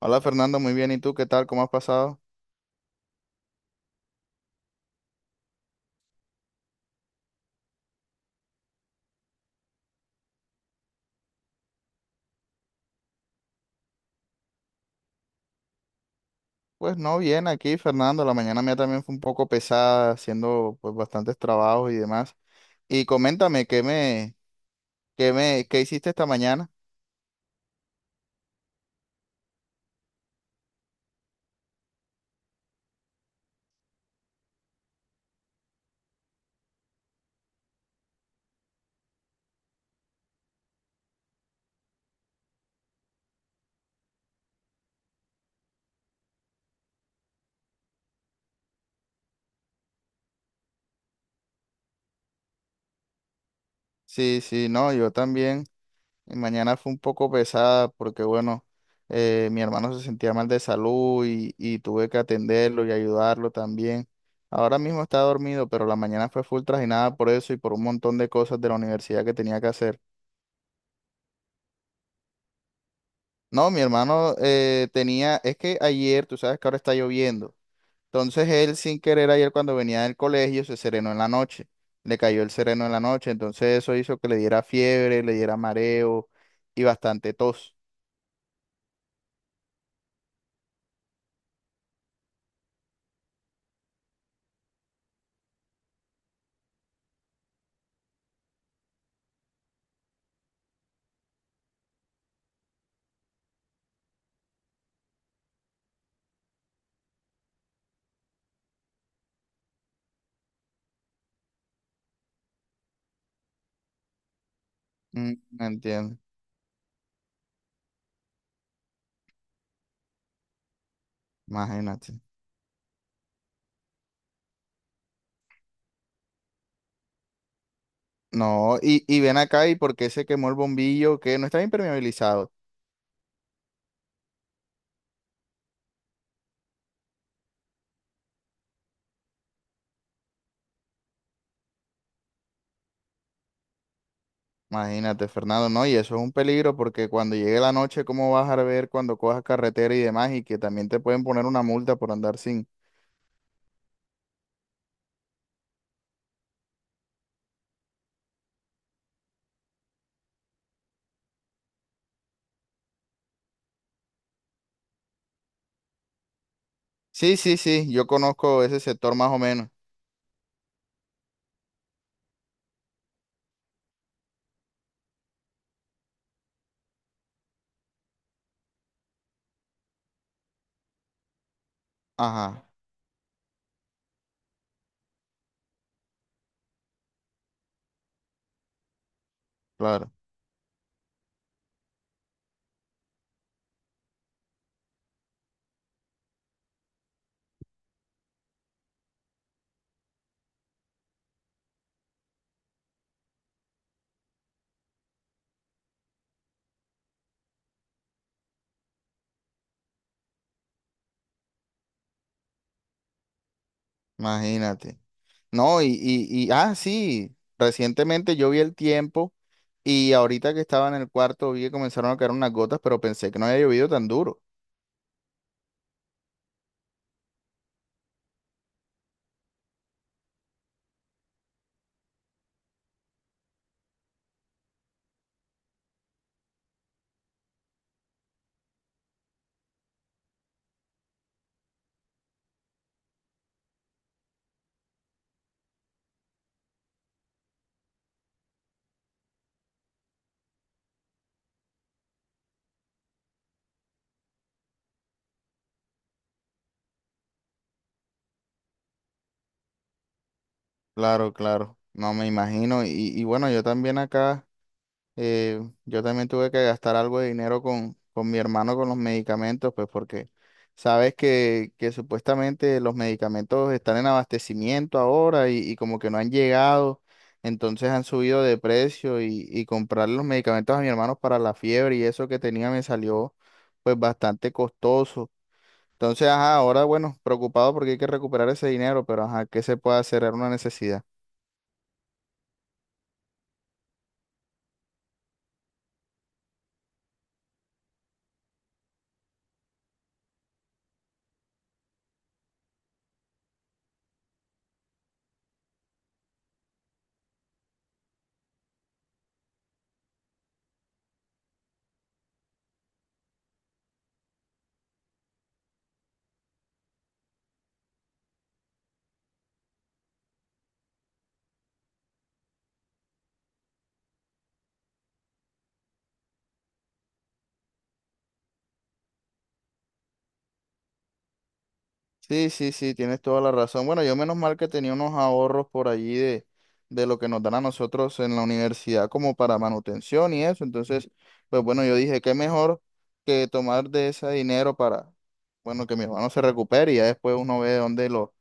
Hola Fernando, muy bien. ¿Y tú qué tal? ¿Cómo has pasado? Pues no, bien aquí Fernando. La mañana mía también fue un poco pesada, haciendo pues bastantes trabajos y demás. Y coméntame, ¿ qué hiciste esta mañana? Sí, sí, no, yo también. Mi mañana fue un poco pesada porque bueno, mi hermano se sentía mal de salud y tuve que atenderlo y ayudarlo también. Ahora mismo está dormido, pero la mañana fue full trajinada por eso y por un montón de cosas de la universidad que tenía que hacer. No, mi hermano tenía, es que ayer, tú sabes que ahora está lloviendo. Entonces él sin querer ayer cuando venía del colegio se serenó en la noche. Le cayó el sereno en la noche. Entonces eso hizo que le diera fiebre, le diera mareo y bastante tos. Mm, entiendo. Imagínate. No, y ven acá y por qué se quemó el bombillo que no estaba impermeabilizado. Imagínate, Fernando, no, y eso es un peligro porque cuando llegue la noche, ¿cómo vas a ver cuando cojas carretera y demás? Y que también te pueden poner una multa por andar sin. Sí, sí, sí, yo conozco ese sector más o menos. Ajá, claro, imagínate. No, y ah, sí, recientemente yo vi el tiempo y ahorita que estaba en el cuarto vi que comenzaron a caer unas gotas, pero pensé que no había llovido tan duro. Claro, claro, no me imagino. Y bueno, yo también acá. Yo también tuve que gastar algo de dinero con mi hermano con los medicamentos, pues porque sabes que supuestamente los medicamentos están en abastecimiento ahora y como que no han llegado, entonces han subido de precio y comprar los medicamentos a mi hermano para la fiebre y eso que tenía me salió pues bastante costoso. Entonces, ajá, ahora bueno, preocupado porque hay que recuperar ese dinero, pero ajá, ¿qué se puede hacer? Era una necesidad. Sí, sí, sí, tienes toda la razón. Bueno, yo menos mal que tenía unos ahorros por allí de lo que nos dan a nosotros en la universidad como para manutención y eso. Entonces, pues bueno, yo dije, qué mejor que tomar de ese dinero para, bueno, que mi hermano se recupere y ya después uno ve de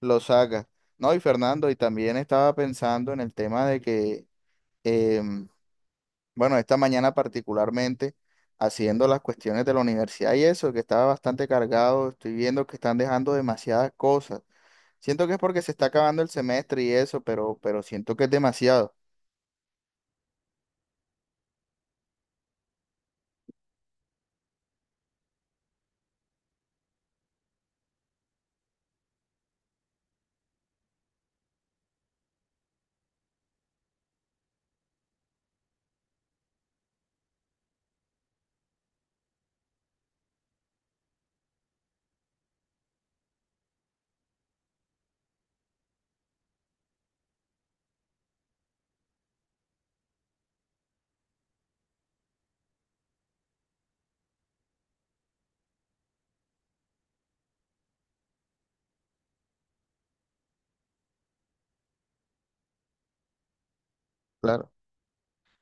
lo saca. No, y Fernando, y también estaba pensando en el tema de que, em, bueno, esta mañana particularmente, haciendo las cuestiones de la universidad y eso, que estaba bastante cargado, estoy viendo que están dejando demasiadas cosas. Siento que es porque se está acabando el semestre y eso, pero siento que es demasiado, claro.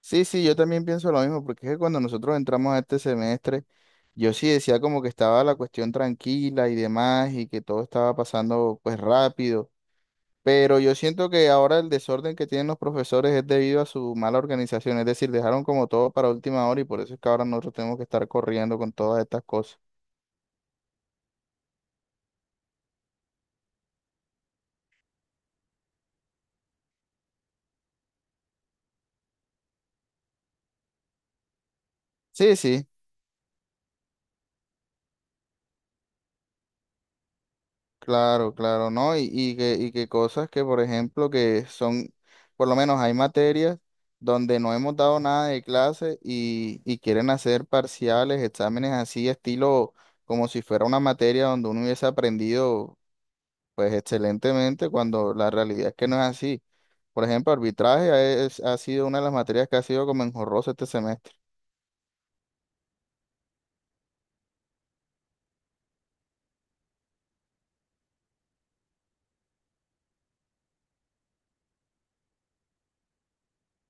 Sí, sí, yo también pienso lo mismo, porque es que cuando nosotros entramos a este semestre, yo sí decía como que estaba la cuestión tranquila y demás, y que todo estaba pasando pues rápido, pero yo siento que ahora el desorden que tienen los profesores es debido a su mala organización, es decir, dejaron como todo para última hora y por eso es que ahora nosotros tenemos que estar corriendo con todas estas cosas. Sí, sí. Claro, claro, ¿no? Y que cosas que, por ejemplo, que son, por lo menos hay materias donde no hemos dado nada de clase y quieren hacer parciales, exámenes así, estilo como si fuera una materia donde uno hubiese aprendido, pues, excelentemente, cuando la realidad es que no es así. Por ejemplo, arbitraje es- ha sido una de las materias que ha sido como enjorrosa este semestre.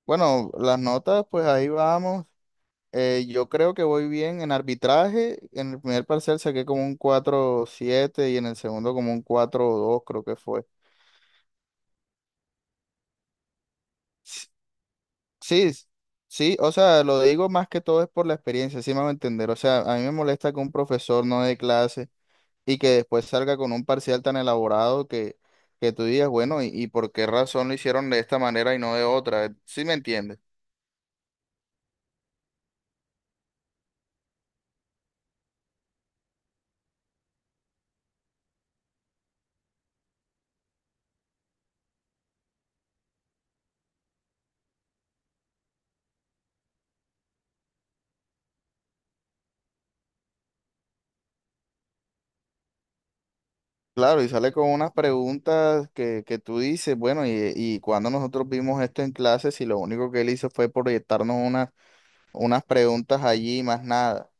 Bueno, las notas, pues ahí vamos. Yo creo que voy bien en arbitraje. En el primer parcial saqué como un cuatro siete y en el segundo como un cuatro dos creo que fue. S- Sí, s- sí, o sea, lo digo más que todo es por la experiencia, sí me va a entender. O sea, a mí me molesta que un profesor no dé clase y que después salga con un parcial tan elaborado que tú digas, bueno, ¿y por qué razón lo hicieron de esta manera y no de otra? ¿Sí me entiendes? Claro, y sale con unas preguntas que tú dices, bueno, y cuando nosotros vimos esto en clases y lo único que él hizo fue proyectarnos unas, unas preguntas allí, más nada.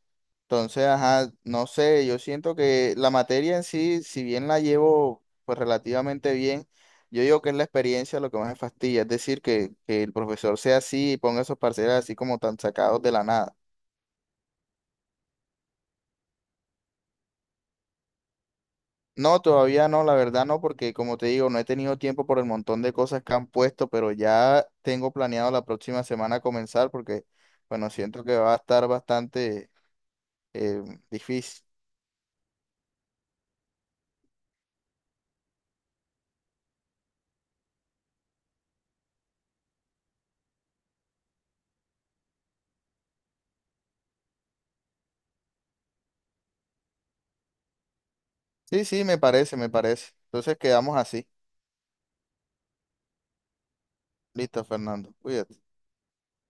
Entonces, ajá, no sé, yo siento que la materia en sí, si bien la llevo pues relativamente bien, yo digo que es la experiencia lo que más me fastidia, es decir, que el profesor sea así y ponga esos parciales así como tan sacados de la nada. No, todavía no, la verdad no, porque como te digo, no he tenido tiempo por el montón de cosas que han puesto, pero ya tengo planeado la próxima semana comenzar porque, bueno, siento que va a estar bastante eh, difícil. Sí, sí, me parece, me parece. Entonces quedamos así. Listo, Fernando. Cuídate.